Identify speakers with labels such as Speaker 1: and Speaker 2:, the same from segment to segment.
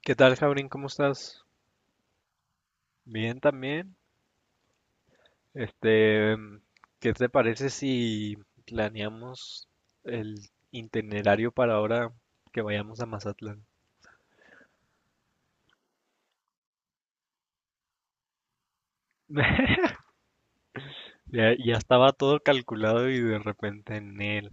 Speaker 1: ¿Qué tal, Jaurín? ¿Cómo estás? Bien también. Este, ¿qué te parece si planeamos el itinerario para ahora que vayamos a Mazatlán? Ya, ya estaba todo calculado y de repente en él.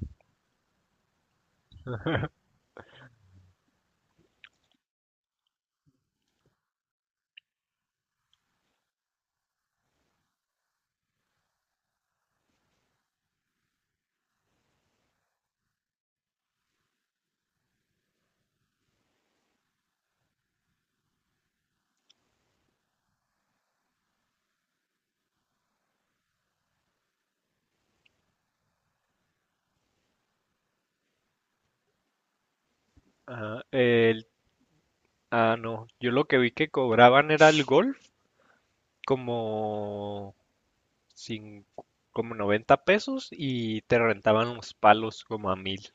Speaker 1: Ah, el, no. Yo lo que vi que cobraban era el golf como, cin- como 90 pesos y te rentaban los palos como a 1,000.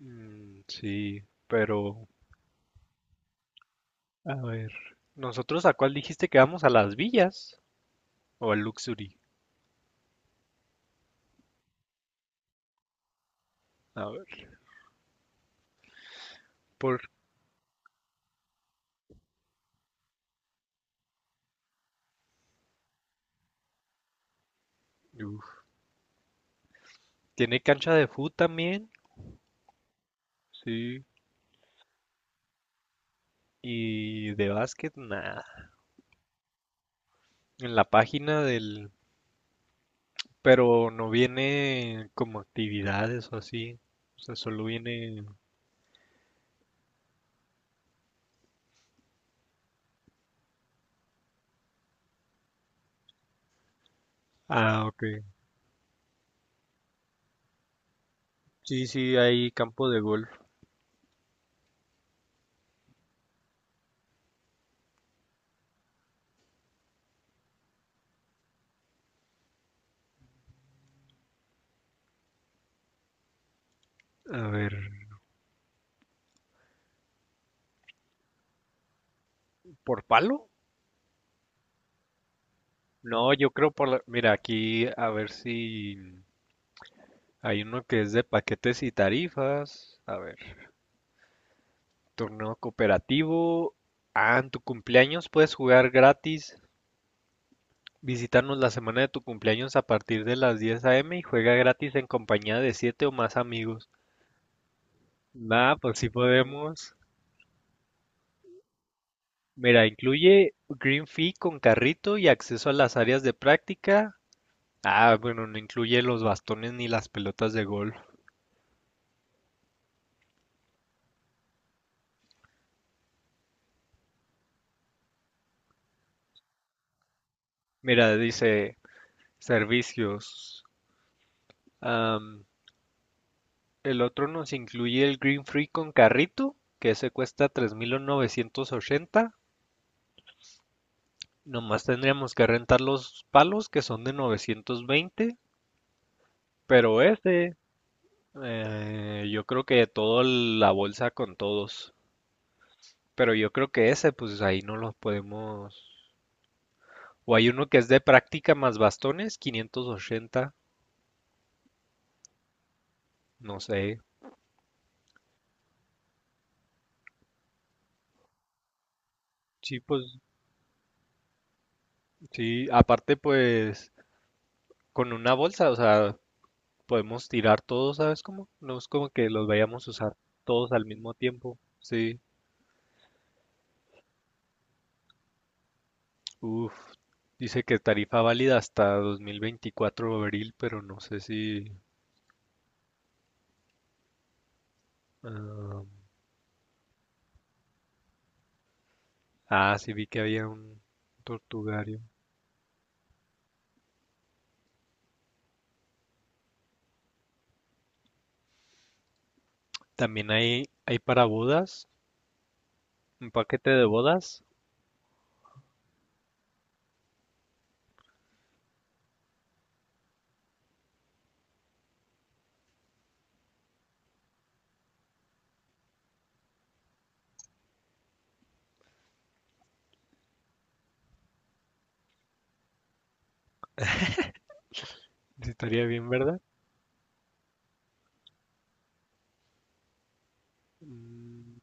Speaker 1: Mm, sí, pero a ver, ¿nosotros a cuál dijiste que vamos? ¿A las villas o al Luxury? A ver, por... Uf. ¿Tiene cancha de fútbol también? Sí. ¿Y de básquet? Nada. En la página del... Pero no viene como actividades o así. O sea, solo viene... Ah, ok. Sí, sí, hay campo de golf. A ver, ¿por palo? No, yo creo por la... Mira, aquí a ver si hay uno que es de paquetes y tarifas. A ver. Torneo cooperativo. Ah, en tu cumpleaños puedes jugar gratis. Visítanos la semana de tu cumpleaños a partir de las 10 a.m. y juega gratis en compañía de 7 o más amigos. Nah, pues sí podemos. Mira, incluye Green Fee con carrito y acceso a las áreas de práctica. Ah, bueno, no incluye los bastones ni las pelotas de golf. Mira, dice servicios. El otro nos incluye el Green Free con carrito, que ese cuesta 3,980. Nomás tendríamos que rentar los palos, que son de 920. Pero ese, yo creo que toda la bolsa con todos. Pero yo creo que ese, pues ahí no los podemos. O hay uno que es de práctica más bastones, 580. No sé. Sí, pues sí. Aparte, pues con una bolsa, o sea, podemos tirar todos, ¿sabes cómo? No es como que los vayamos a usar todos al mismo tiempo. Sí, uff. Dice que tarifa válida hasta 2024 abril, pero no sé si... ah, sí vi que había un tortugario. También hay para bodas, un paquete de bodas. Sí, estaría bien, ¿verdad? Mm,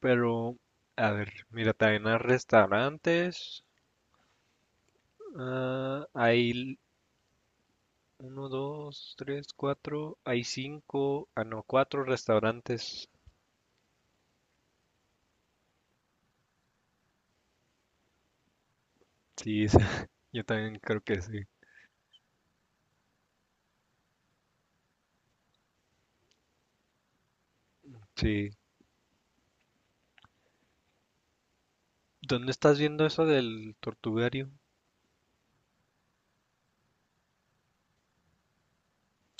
Speaker 1: Pero, a ver, mira, también hay restaurantes. Hay uno, dos, tres, cuatro. Hay cinco, no, cuatro restaurantes. Sí, yo también creo que sí. Sí. ¿Dónde estás viendo eso del tortugario?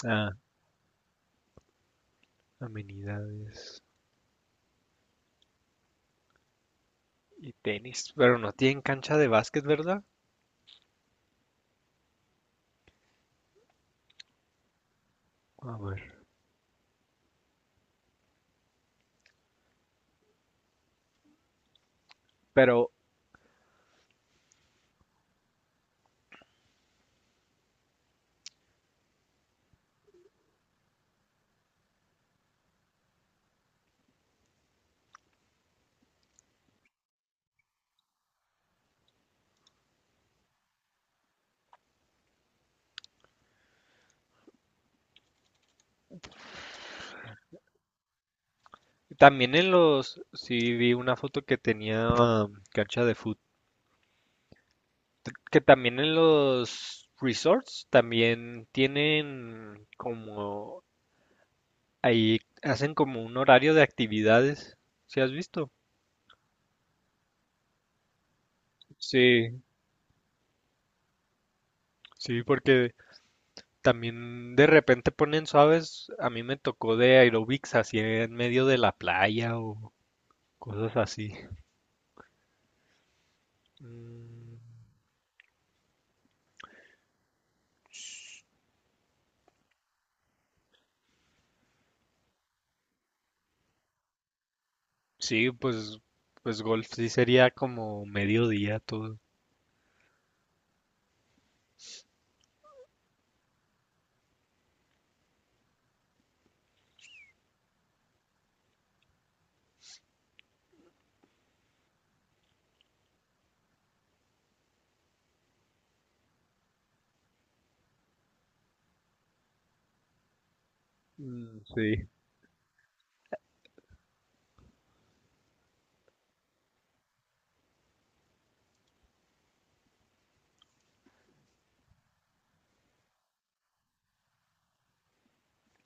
Speaker 1: Ah, amenidades y tenis. Pero no tienen cancha de básquet, ¿verdad? A ver. Pero también en los, sí vi una foto que tenía cancha de fútbol. Que también en los resorts también tienen como ahí hacen como un horario de actividades, ¿si has visto? Sí. Sí, porque también de repente ponen suaves, a mí me tocó de aerobics así en medio de la playa o cosas así. Mm, sí, pues golf sí sería como mediodía todo. Mm, sí.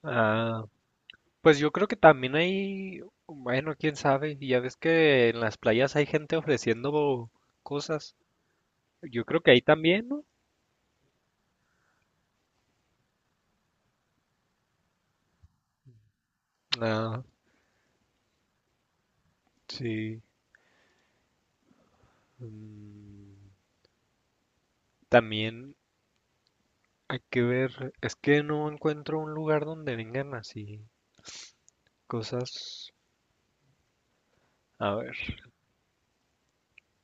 Speaker 1: Ah, pues yo creo que también hay, bueno, quién sabe, ya ves que en las playas hay gente ofreciendo cosas. Yo creo que ahí también, ¿no? Ah, sí. Mm, También hay que ver, es que no encuentro un lugar donde vengan así cosas. A ver,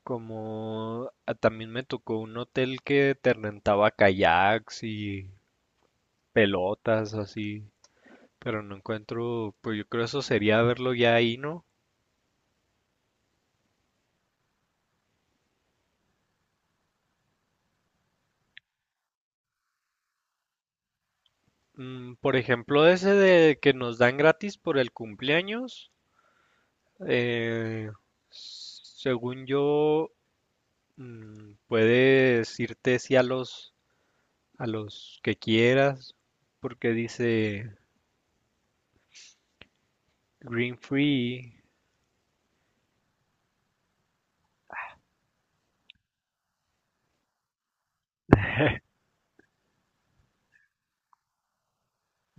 Speaker 1: como también me tocó un hotel que te rentaba kayaks y pelotas así, pero no encuentro, pues yo creo eso sería verlo ya ahí, ¿no? Por ejemplo, ese de que nos dan gratis por el cumpleaños, eh, según yo, puedes irte sí a los que quieras, porque dice Green Free,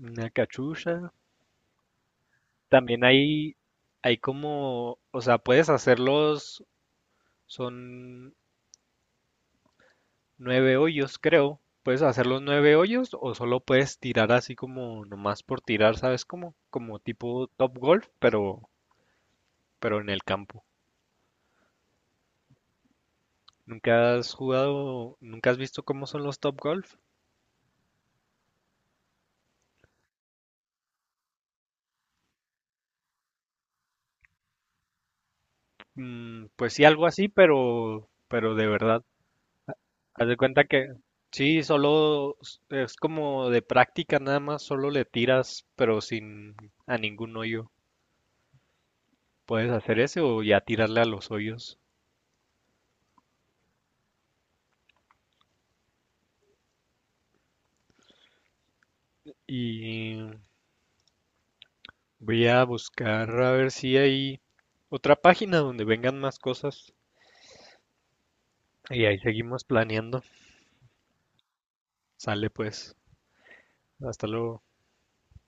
Speaker 1: una cachucha. También hay como, o sea, puedes hacerlos, son nueve hoyos, creo. Puedes hacer los nueve hoyos o solo puedes tirar así como nomás por tirar, ¿sabes cómo? Como tipo Top Golf, pero en el campo. ¿Nunca has jugado, nunca has visto cómo son los Top Golf? Mm, pues sí, algo así, pero de verdad. Haz de cuenta que sí, solo es como de práctica nada más, solo le tiras, pero sin a ningún hoyo. Puedes hacer ese o ya tirarle a los hoyos. Y voy a buscar a ver si hay otra página donde vengan más cosas. Y ahí seguimos planeando. Sale pues. Hasta luego.